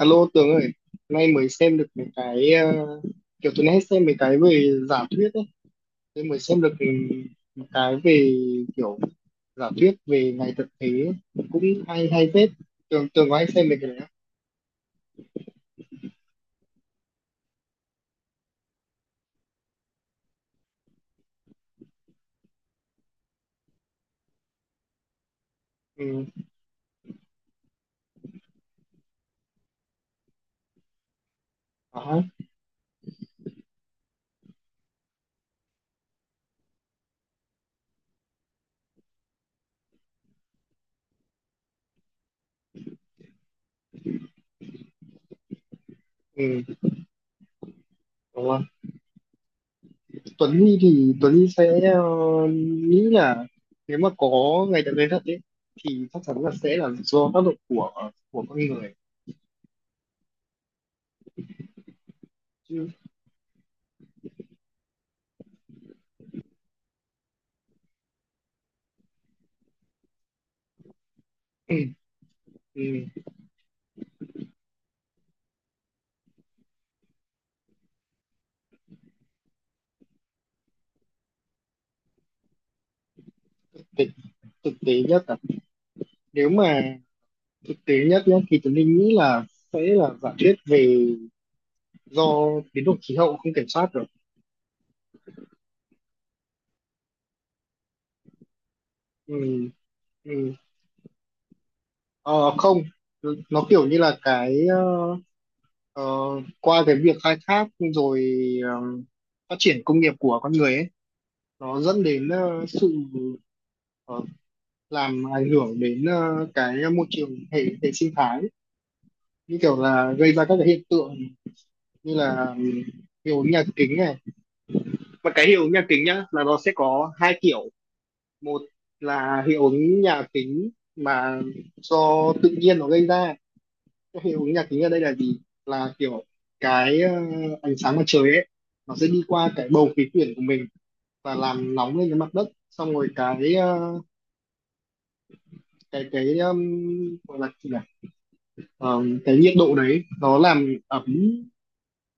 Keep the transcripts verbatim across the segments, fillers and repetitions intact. Alo Tường ơi, nay mới xem được mấy cái ờ, kiểu tôi hay xem mấy cái về giả thuyết ấy, tôi mới xem được một cái về kiểu giả thuyết về ngày thực tế ấy. Cũng hay hay phết. Tường Tường có hay xem mấy cái đấy không? Ừ, có. Ừ, đúng rồi. Tuấn Huy thì Tuấn Huy sẽ ờ, nghĩ là nếu mà có ngày thực tế thật ấy thì chắc chắn là sẽ là do tác động của của con người chứ. Ừ, ừ, thực, thực tế nhất là nếu mà thực tế nhất nhé thì tôi nghĩ là sẽ là giả thuyết về do biến đổi khí hậu không kiểm soát được. Ừ, ừ. Ờ, không, nó kiểu như là cái ờ, ờ, qua cái việc khai thác rồi ờ, phát triển công nghiệp của con người ấy nó dẫn đến ờ, sự ờ, làm ảnh hưởng đến ờ, cái môi trường hệ hệ sinh thái, như kiểu là gây ra các cái hiện tượng như là ừ, hiệu ứng nhà kính này, mà cái hiệu ứng nhà kính nhá là nó sẽ có hai kiểu. Một là hiệu ứng nhà kính mà do tự nhiên nó gây ra. Cái hiệu ứng nhà kính ở đây là gì? Là kiểu cái ờ, ánh sáng mặt trời ấy nó sẽ đi qua cái bầu khí quyển của mình và làm nóng lên cái mặt đất, xong rồi cái ờ, cái cái um, gọi là gì nhỉ? Ờ, cái nhiệt độ đấy nó làm ấm,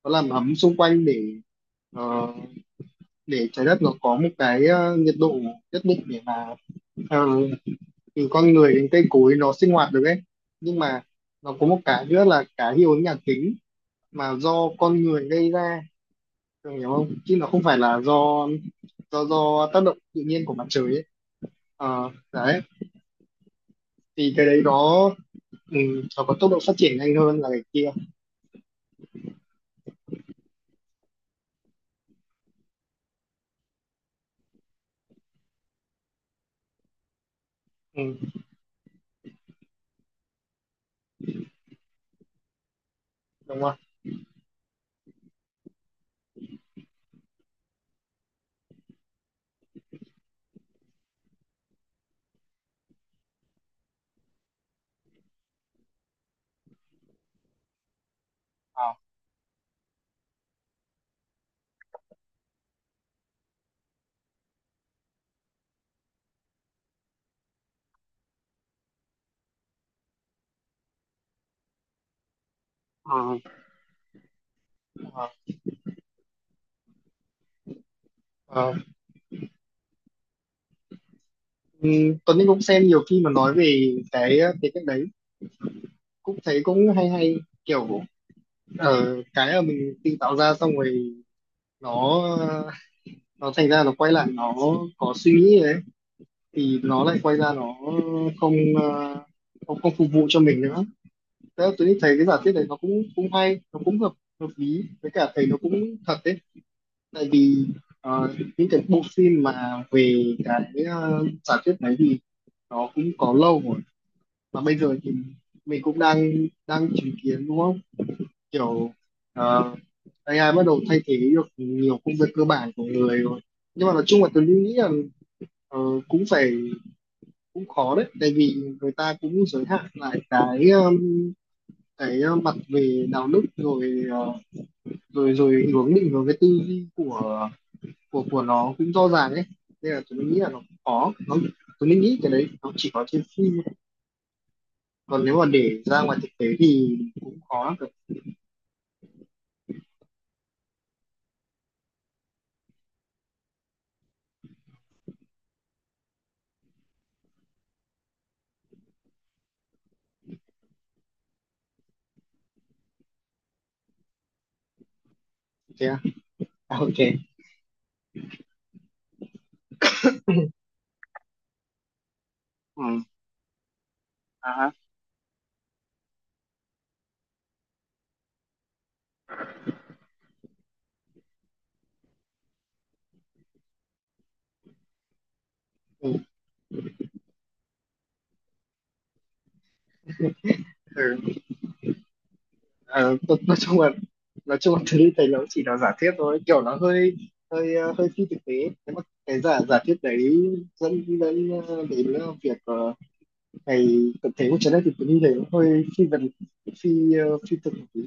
nó làm ấm xung quanh để ờ, để trái đất nó có một cái ờ, nhiệt độ nhất định để mà ờ, thì con người đến cây cối nó sinh hoạt được ấy. Nhưng mà nó có một cái nữa là cái hiệu ứng nhà kính mà do con người gây ra. Cường hiểu không? Chứ nó không phải là do do do tác động tự nhiên của mặt trời ấy. Ờ, đấy thì cái đấy nó ừ, nó có tốc độ phát triển nhanh hơn là cái kia. Ừ, đúng không? Ờ, ờ, ờ, ờ. Ừ, Tuấn Anh cũng xem nhiều khi mà nói về cái cái cách đấy cũng thấy cũng hay hay, kiểu ờ, cái mà mình tự tạo ra xong rồi nó nó thành ra nó quay lại nó có suy nghĩ đấy thì nó lại quay ra nó không ờ, không không phục vụ cho mình nữa. Thế là tôi thấy cái giả thuyết này nó cũng cũng hay, nó cũng hợp hợp lý, với cả thấy nó cũng thật đấy, tại vì ờ, những cái bộ phim mà về cái ờ, giả thuyết đấy thì nó cũng có lâu rồi, mà bây giờ thì mình cũng đang đang chứng kiến đúng không, kiểu ờ, a i bắt đầu thay thế được nhiều công việc cơ bản của người rồi. Nhưng mà nói chung là tôi nghĩ là, ờ, cũng phải, cũng khó đấy tại vì người ta cũng giới hạn lại cái um, cái uh, mặt về đạo đức rồi, ờ, rồi rồi hướng định vào cái tư duy của của của nó cũng rõ ràng ấy, nên là tôi nghĩ là nó cũng khó, nó tôi nghĩ cái đấy nó chỉ có trên phim thôi. Còn nếu mà để ra ngoài thực tế thì cũng khó lắm rồi. Thế à, à ok. Ừ. À, ừ. Ừ. Ờ, nói nói chung là nói chung là thứ thấy nó chỉ là giả thiết thôi, kiểu nó hơi hơi ờ, hơi phi thực tế, thế mà cái giả giả thiết đấy dẫn đến ờ, đến ờ, việc ờ, ngày tập thể của trái đất thì tôi nghĩ thấy nó hơi phi vật phi ờ, phi thực một tí.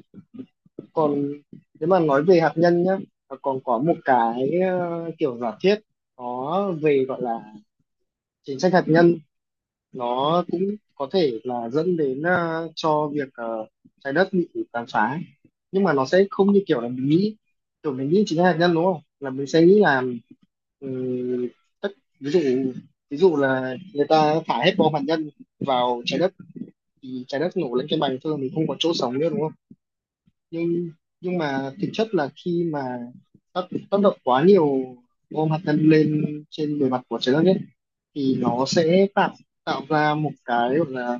Còn nếu mà nói về hạt nhân nhá, nó còn có một cái ờ, kiểu giả thiết nó về gọi là chính sách hạt nhân, nó cũng có thể là dẫn đến ờ, cho việc ờ, trái đất bị tàn phá, nhưng mà nó sẽ không như kiểu là mình nghĩ, kiểu mình nghĩ chính là hạt nhân đúng không, là mình sẽ nghĩ là ừm, tất ví dụ ví dụ là người ta thả hết bom hạt nhân vào trái đất thì trái đất nổ lên cái bành thôi mình không có chỗ sống nữa đúng không. Nhưng nhưng mà thực chất là khi mà tác tác động quá nhiều bom hạt nhân lên trên bề mặt của trái đất ấy, thì nó sẽ tạo tạo ra một cái gọi là,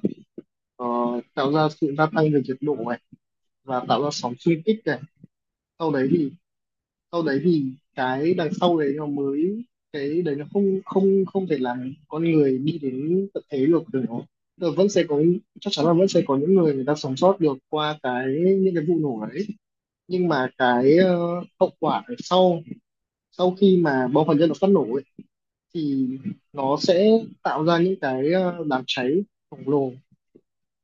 ờ, tạo ra sự gia tăng về nhiệt độ này và tạo ra sóng xuyên kích này. Sau đấy thì sau đấy thì cái đằng sau đấy nó mới, cái đấy nó không không không thể làm con người đi đến tận thế được, được nó tức là vẫn sẽ có, chắc chắn là vẫn sẽ có những người người ta sống sót được qua cái những cái vụ nổ đấy, nhưng mà cái ờ, hậu quả ở sau sau khi mà bom hạt nhân nó phát nổ ấy, thì nó sẽ tạo ra những cái ờ, đám cháy khổng lồ,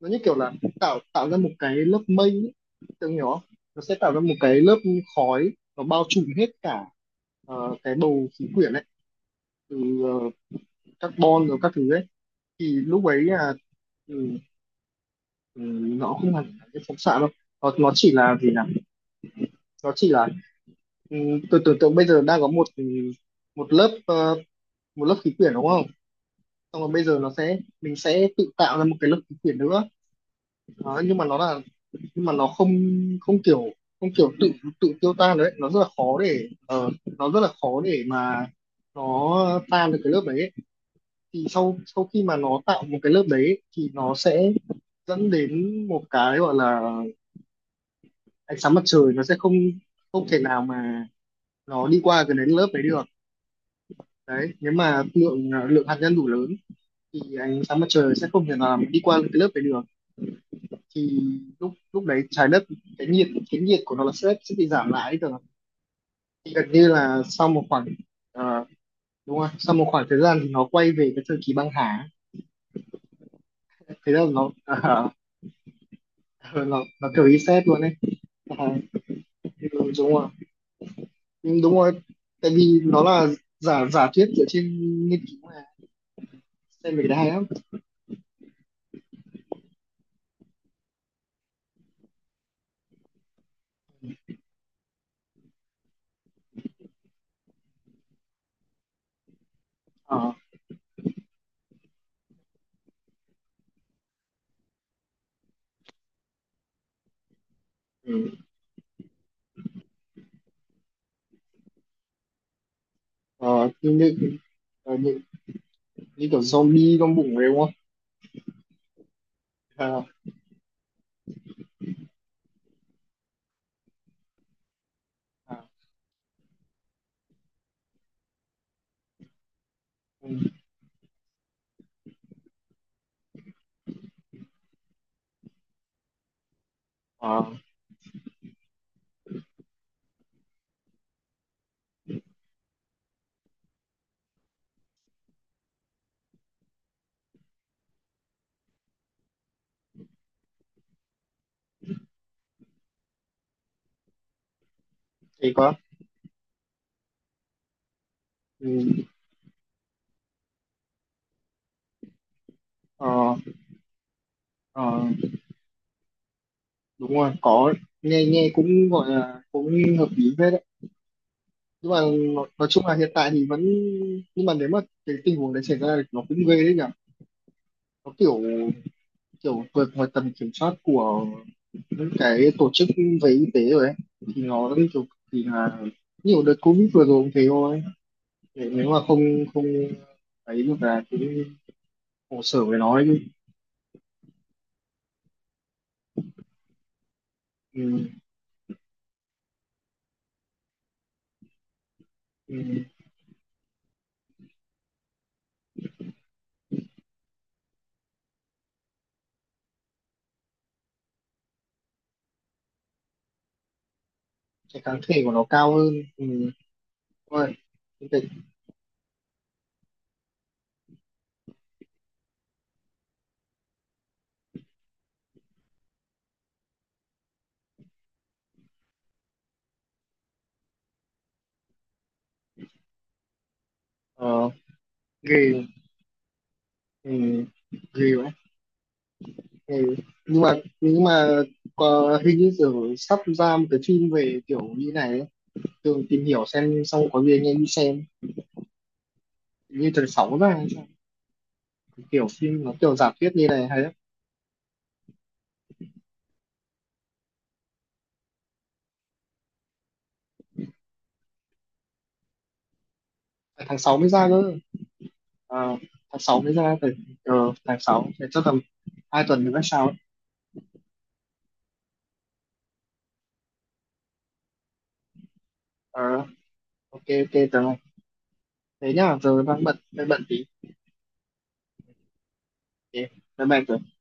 nó như kiểu là tạo tạo ra một cái lớp mây ấy. Tưởng hiểu không? Nó sẽ tạo ra một cái lớp khói nó bao trùm hết cả ờ, cái bầu khí quyển ấy, từ ờ, carbon rồi các thứ ấy thì lúc ấy là, ừ, ừ, nó không hẳn là cái phóng xạ đâu. Nó, nó chỉ là gì nhỉ? Nó chỉ là, ừ, tôi tưởng tượng bây giờ đang có một, ừ, một lớp ờ, một lớp khí quyển đúng không, xong rồi bây giờ nó sẽ mình sẽ tự tạo ra một cái lớp khí quyển nữa. Đó, nhưng mà nó là nhưng mà nó không, không kiểu không kiểu tự tự tiêu tan đấy, nó rất là khó để ờ, nó rất là khó để mà nó tan được cái lớp đấy ấy. Thì sau sau khi mà nó tạo một cái lớp đấy ấy, thì nó sẽ dẫn đến một cái gọi là ánh sáng mặt trời nó sẽ không không thể nào mà nó đi qua cái đến lớp đấy được. Đấy nếu mà lượng lượng hạt nhân đủ lớn thì ánh sáng mặt trời sẽ không thể nào mà đi qua cái lớp đấy được. Thì lúc lúc đấy trái đất, cái nhiệt cái nhiệt của nó là sẽ sẽ bị giảm lại ấy, tưởng gần như là sau một khoảng, ờ, đúng rồi, sau một khoảng thời gian thì nó quay về cái thời kỳ băng hà. Thế là nó ờ, nó nó kiểu reset luôn đấy. Ờ, đúng đúng rồi. Nhưng đúng rồi. Tại vì nó là giả giả thuyết dựa trên nghiên cứu mà, xem về cái đấy hay lắm. Ờ, ừ. Ờ, như như ờ, như như kiểu zombie trong bụng đấy đúng không. Ờ, ờ, ừ. Ờ, thế quá. Ừ. Ờ, ờ, đúng rồi, có nghe nghe cũng gọi là cũng hợp lý phết đấy, nhưng mà nó- nói chung là hiện tại thì vẫn, nhưng mà nếu mà cái tình huống đấy xảy ra thì nó cũng ghê đấy nhỉ, nó kiểu kiểu vượt ngoài tầm kiểm soát của những cái tổ chức về y tế rồi ấy, thì nó kiểu thì là nhiều đợt covid vừa rồi cũng thế thôi. Để nếu mà không không ấy được là cũng khổ sở với nó ấy chứ. Ừ, ừ. Cái kháng thể của nó cao hơn. Ừ. Đúng rồi. Cái- ờ, ghê. Ừ. Ghê vậy. Ừ. Nhưng mà nhưng mà có, hình như Tường sắp ra một cái phim về kiểu như này ấy. Tường tìm hiểu xem xong có gì anh em đi xem, như tháng sáu ra hay sao? Kiểu phim nó kiểu giả thuyết như này hay lắm. À, tháng sáu mới ra cơ. À, tháng sáu mới ra từ ờ, tháng sáu thì chắc tầm hai tuần nữa sao ấy. Ờ, ok ok Tường ơi. Thế nhá giờ đang bận đang bận tí. Ok, bye bye Tường.